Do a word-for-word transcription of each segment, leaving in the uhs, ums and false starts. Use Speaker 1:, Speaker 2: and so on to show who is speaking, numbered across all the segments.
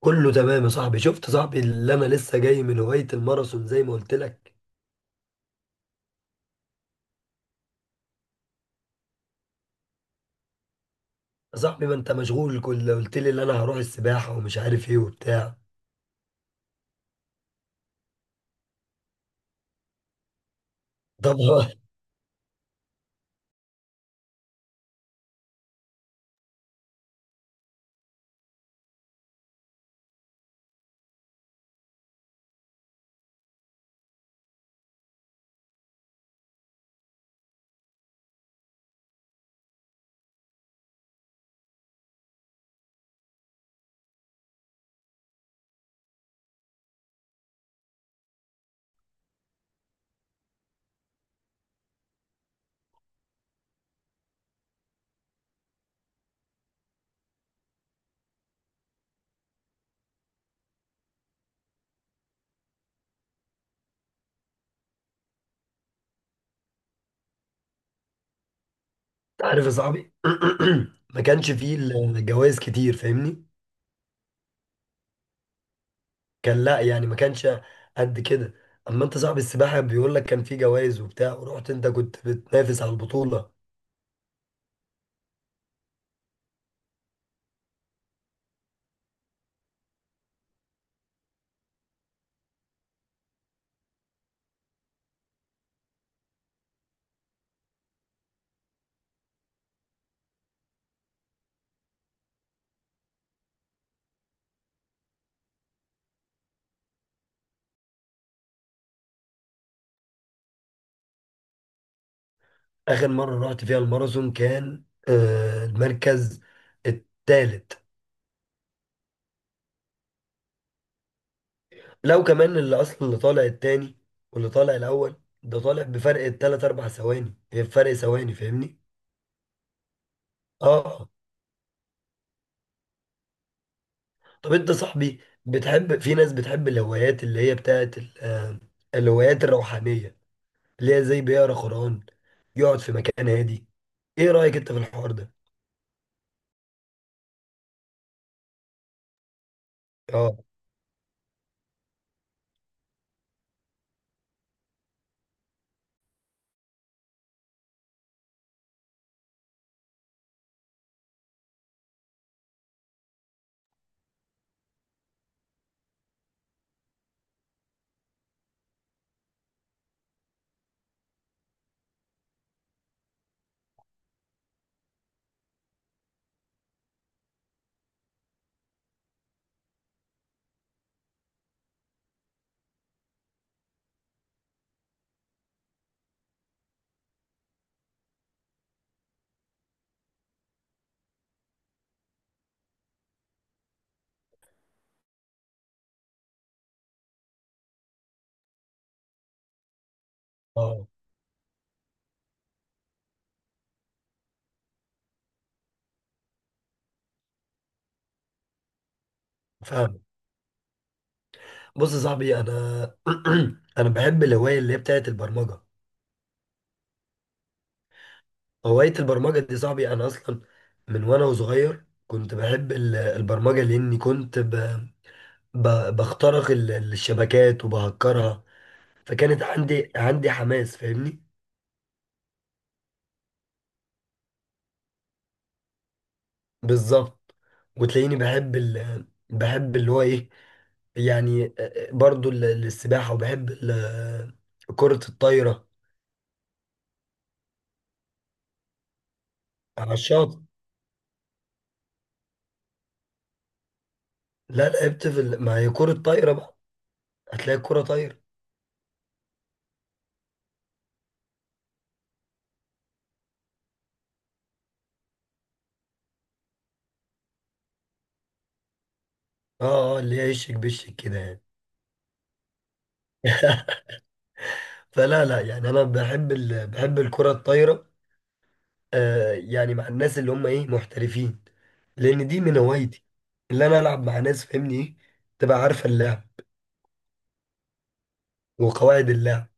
Speaker 1: كله تمام يا صاحبي. شفت يا صاحبي اللي انا لسه جاي من هواية الماراثون زي ما قلت لك. يا صاحبي ما انت مشغول، كل قلت لي ان انا هروح السباحة ومش عارف ايه وبتاع. طبعا. انت عارف يا صاحبي. ما كانش فيه الجوائز كتير، فاهمني؟ كان، لا يعني ما كانش قد كده. اما انت صاحب السباحة بيقول لك كان فيه جوائز وبتاع، ورحت انت كنت بتنافس على البطولة. اخر مرة رحت فيها الماراثون كان آه، المركز التالت. لو كمان اللي اصلا اللي طالع التاني، واللي طالع الاول ده طالع بفرق التلات اربع ثواني، هي فرق ثواني، فاهمني؟ اه. طب انت صاحبي بتحب، في ناس بتحب الهوايات اللي هي بتاعت ال- آه، الهوايات الروحانية، اللي هي زي بيقرا قرآن، يقعد في مكان هادي. ايه رأيك انت في الحوار ده؟ اه، اه، فاهم. بص يا صاحبي انا، انا بحب الهواية اللي هي بتاعت البرمجة. هواية البرمجة دي صاحبي، أنا أصلا من وأنا صغير كنت بحب ال- البرمجة، لأني كنت ب... ب... بخترق ال- الشبكات وبهكرها. فكانت عندي عندي حماس، فاهمني؟ بالظبط. وتلاقيني بحب ال... بحب اللي هو إيه، يعني آه، برضو ال- السباحة، وبحب ال... كرة الطايرة. على الشاطئ. لا لعبت في ال... ما هي كرة طايرة بقى، هتلاقي كرة طايرة. اه، اه، اللي هي يشك بشك كده يعني. فلا، لا، يعني انا بحب ال... بحب الكرة الطايرة، آه يعني مع الناس اللي هم ايه محترفين، لان دي من هوايتي اللي انا العب مع ناس فاهمني ايه، تبقى عارفة اللعب وقواعد اللعب.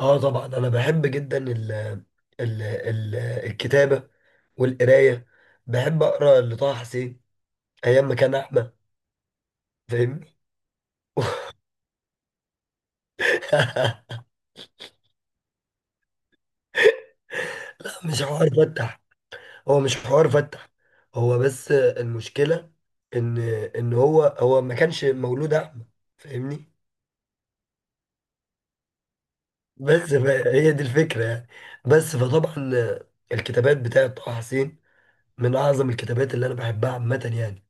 Speaker 1: اه طبعا، انا بحب جدا ال... ال... ال... الكتابة والقراية. بحب اقرا لطه حسين ايام ما كان احمد، فاهمني؟ مش عارف افتح. هو مش حوار فتح، هو بس المشكلة ان ان هو هو ما كانش مولود اعمى، فاهمني؟ بس ف- هي دي الفكرة يعني، بس فطبعا الكتابات بتاعة طه حسين من اعظم الكتابات اللي انا بحبها عامة يعني.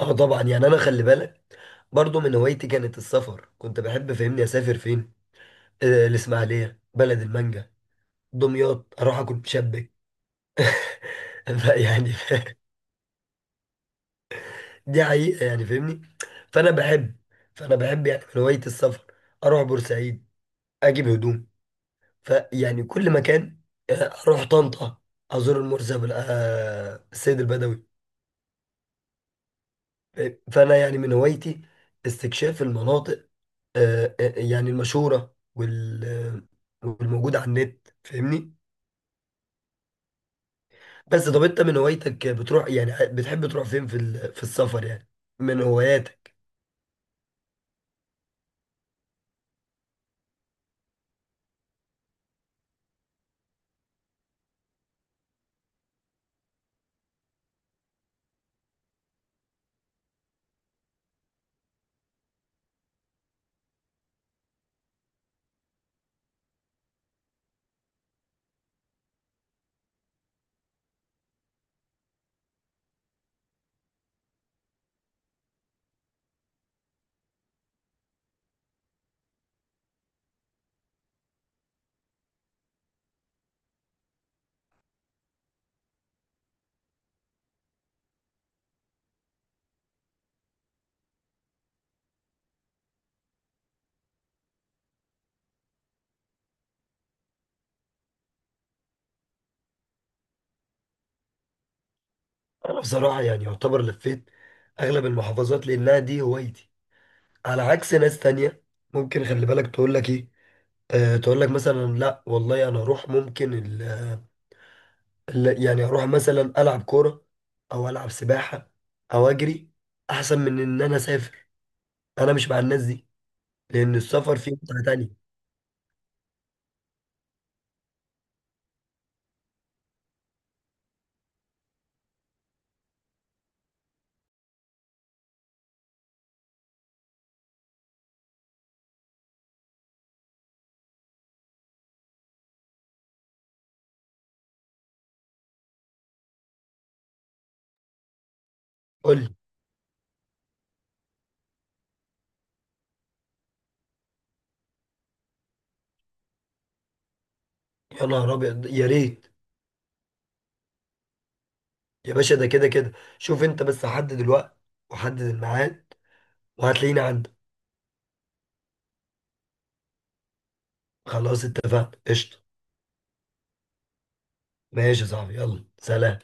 Speaker 1: اه طبعا يعني، انا خلي بالك، برضو من هوايتي كانت السفر، كنت بحب فاهمني اسافر فين، آه، الاسماعيلية بلد المانجا، دمياط اروح اكل مشبك. يعني دي حقيقة يعني، فاهمني؟ فأنا بحب فأنا بحب يعني من هواية السفر، أروح بورسعيد أجيب هدوم، فيعني كل مكان، آه، أروح طنطا أزور المرزب بال- آه، السيد البدوي. فأنا يعني من هوايتي استكشاف المناطق، آه، آه، يعني المشهورة وال آه، والموجودة على النت، فاهمني؟ بس طب أنت من هوايتك بتروح يعني، بتحب تروح فين في ال- في السفر يعني، من هواياتك؟ انا بصراحه يعني يعتبر لفيت اغلب المحافظات، لانها دي هوايتي على عكس ناس تانية. ممكن خلي بالك تقول لك ايه، أه تقول لك مثلا لا والله انا اروح ممكن ال ال- يعني اروح مثلا العب كوره، او العب سباحه، او اجري، احسن من ان انا اسافر. انا مش مع الناس دي، لان السفر فيه متعه تانية. قول لي. يا نهار ابيض، يا ريت. يا باشا، ده كده كده، شوف انت بس حدد الوقت وحدد الميعاد، وهتلاقيني عندك. خلاص اتفقنا، قشطه. ماشي يا صاحبي، يلا سلام.